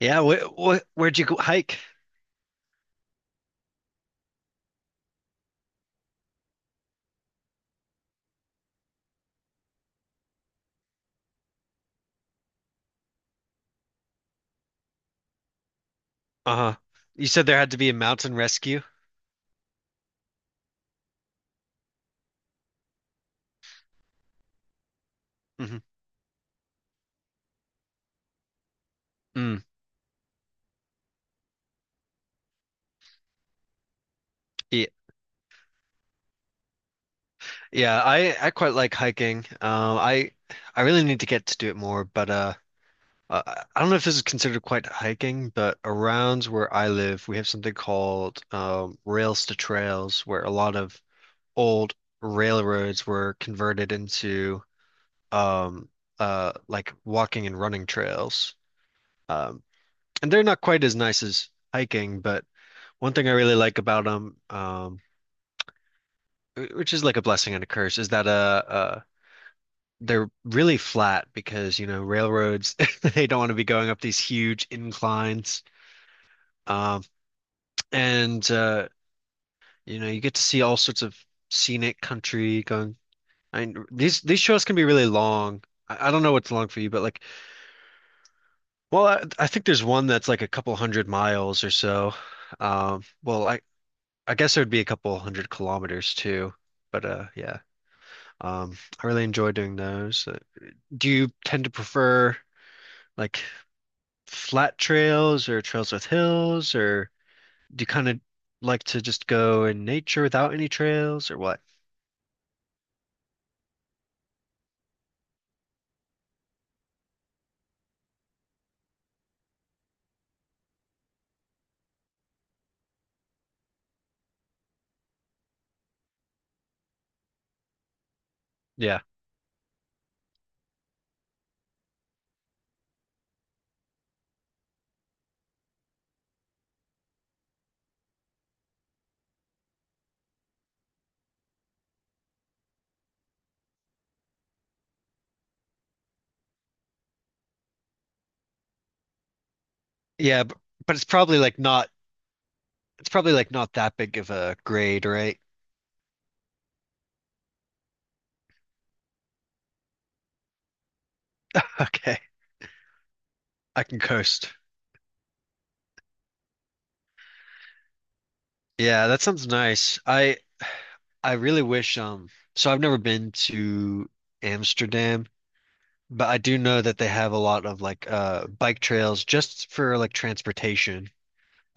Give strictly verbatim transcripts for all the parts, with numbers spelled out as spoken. Yeah, what what where'd you go hike? Uh-huh. You said there had to be a mountain rescue. hmm Mm. Yeah, yeah, I I quite like hiking. Um, I I really need to get to do it more, but uh, uh, I don't know if this is considered quite hiking, but around where I live, we have something called um, rails to trails, where a lot of old railroads were converted into um uh like walking and running trails. Um, and they're not quite as nice as hiking, but one thing I really like about them, um, which is like a blessing and a curse, is that uh, uh, they're really flat because you know railroads they don't want to be going up these huge inclines, um, and uh, you know you get to see all sorts of scenic country going. I mean, these these shows can be really long. I, I don't know what's long for you, but like, well, I, I think there's one that's like a couple hundred miles or so. Um, well, I I guess it would be a couple hundred kilometers too, but uh, yeah. Um, I really enjoy doing those. Uh, Do you tend to prefer like flat trails or trails with hills, or do you kind of like to just go in nature without any trails or what? Yeah. Yeah, but, but it's probably like not, it's probably like not that big of a grade, right? Okay. I can coast. Yeah, that sounds nice. I I really wish um so I've never been to Amsterdam. But I do know that they have a lot of like uh bike trails just for like transportation.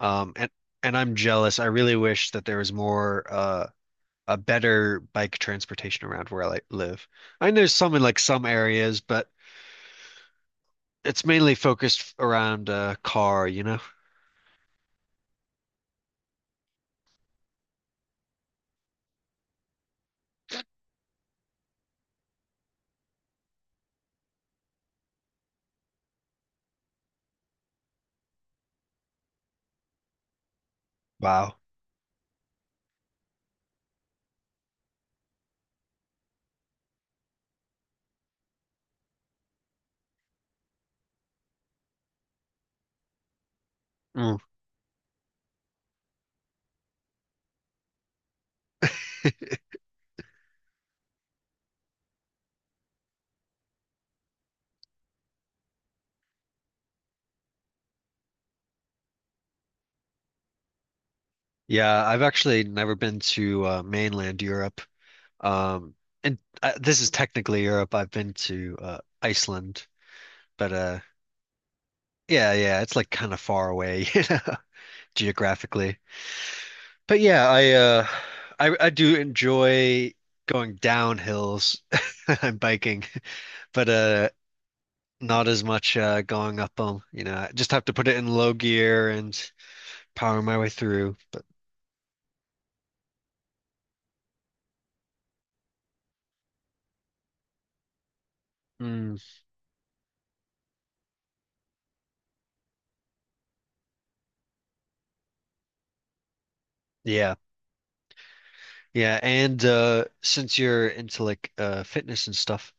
Um and and I'm jealous. I really wish that there was more uh a better bike transportation around where I like, live. I know there's some in like some areas, but it's mainly focused around uh car, you know? Wow. Mm. Yeah, I've actually never been to uh mainland Europe. Um and uh, this is technically Europe. I've been to uh Iceland, but uh yeah, yeah, it's like kind of far away, you know? Geographically. But yeah, I uh I I do enjoy going down hills and biking, but uh not as much uh going up them, you know. I just have to put it in low gear and power my way through. But mm, yeah. Yeah, and uh since you're into like uh fitness and stuff,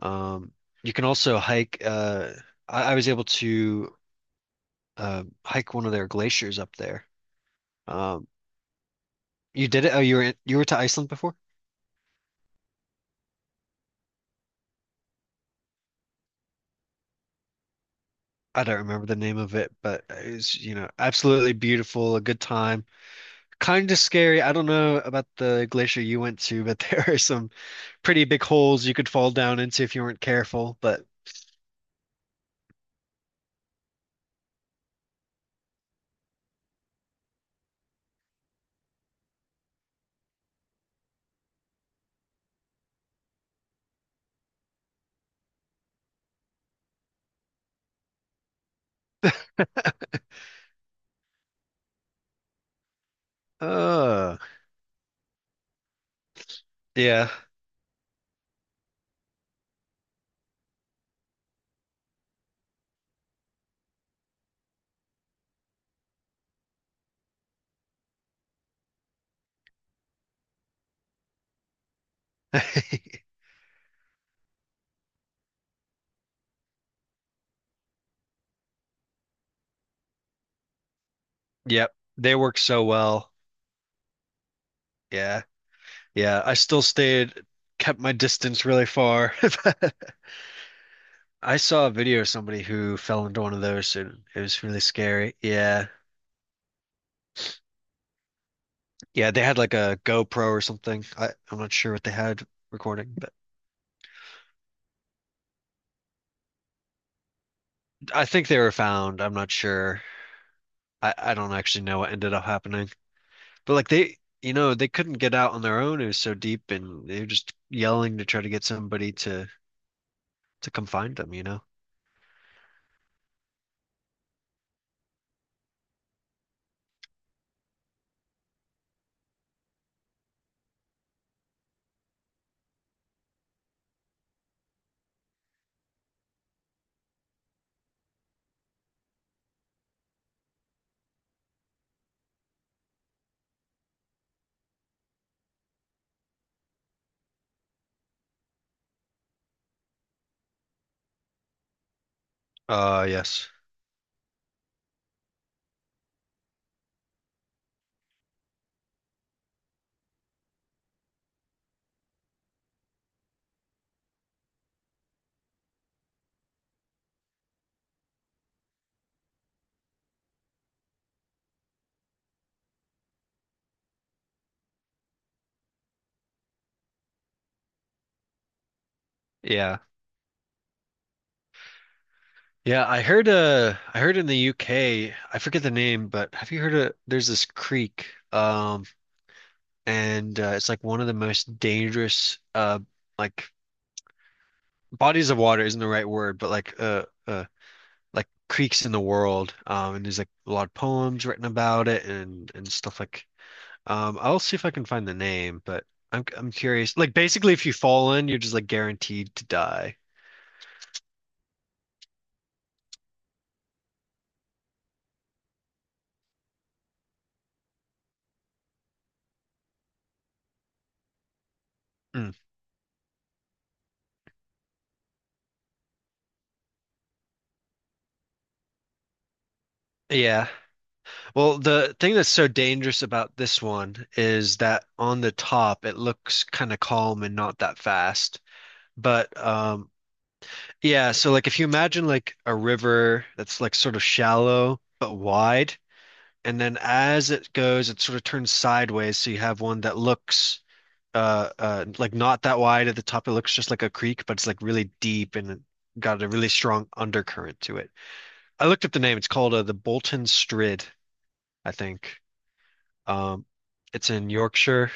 um you can also hike uh I, I was able to uh hike one of their glaciers up there. Um you did it? Oh, you were in, you were to Iceland before? I don't remember the name of it, but it's, you know, absolutely beautiful, a good time. Kind of scary. I don't know about the glacier you went to, but there are some pretty big holes you could fall down into if you weren't careful. But uh yeah. Yep. They work so well. Yeah. Yeah. I still stayed, kept my distance really far. I saw a video of somebody who fell into one of those and it was really scary. Yeah. Yeah, they had like a GoPro or something. I, I'm not sure what they had recording. I think they were found. I'm not sure. I, I don't actually know what ended up happening. But like they, you know, they couldn't get out on their own. It was so deep, and they were just yelling to try to get somebody to to come find them, you know? Uh, yes. Yeah. Yeah, I heard uh I heard in the U K, I forget the name, but have you heard of, there's this creek um and uh, it's like one of the most dangerous uh like bodies of water isn't the right word, but like uh, uh like creeks in the world. Um, and there's like a lot of poems written about it and and stuff like. Um, I'll see if I can find the name, but I'm I'm curious. Like basically, if you fall in, you're just like guaranteed to die. Mm. Yeah. Well, the thing that's so dangerous about this one is that on the top it looks kind of calm and not that fast. But um yeah, so like if you imagine like a river that's like sort of shallow but wide, and then as it goes, it sort of turns sideways. So you have one that looks uh, uh, like not that wide at the top. It looks just like a creek, but it's like really deep and got a really strong undercurrent to it. I looked up the name. It's called uh, the Bolton Strid, I think. Um, it's in Yorkshire.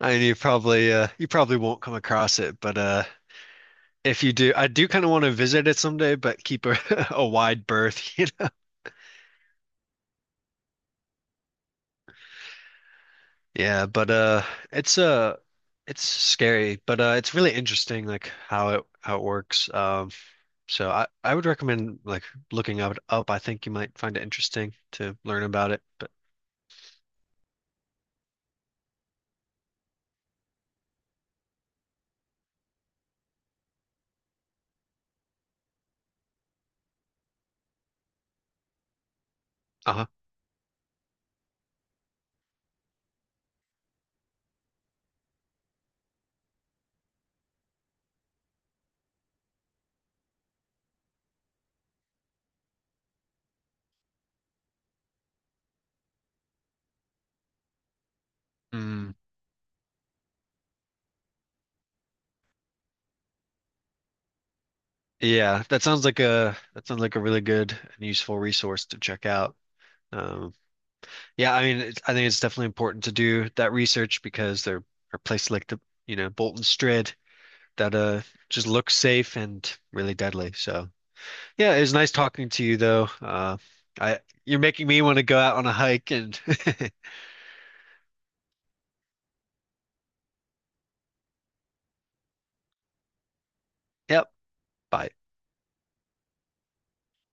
I You probably uh, you probably won't come across it, but uh, if you do, I do kind of want to visit it someday, but keep a, a wide berth, you. Yeah, but uh it's uh it's scary, but uh it's really interesting like how it how it works. Um so I I would recommend like looking up up. I think you might find it interesting to learn about it. But uh-huh. Mm. Yeah, that sounds like a, that sounds like a really good and useful resource to check out. Um yeah, I mean it's, I think it's definitely important to do that research because there are places like the, you know, Bolton Strid that uh just look safe and really deadly. So yeah, it was nice talking to you though. Uh, I You're making me want to go out on a hike and yep. Bye.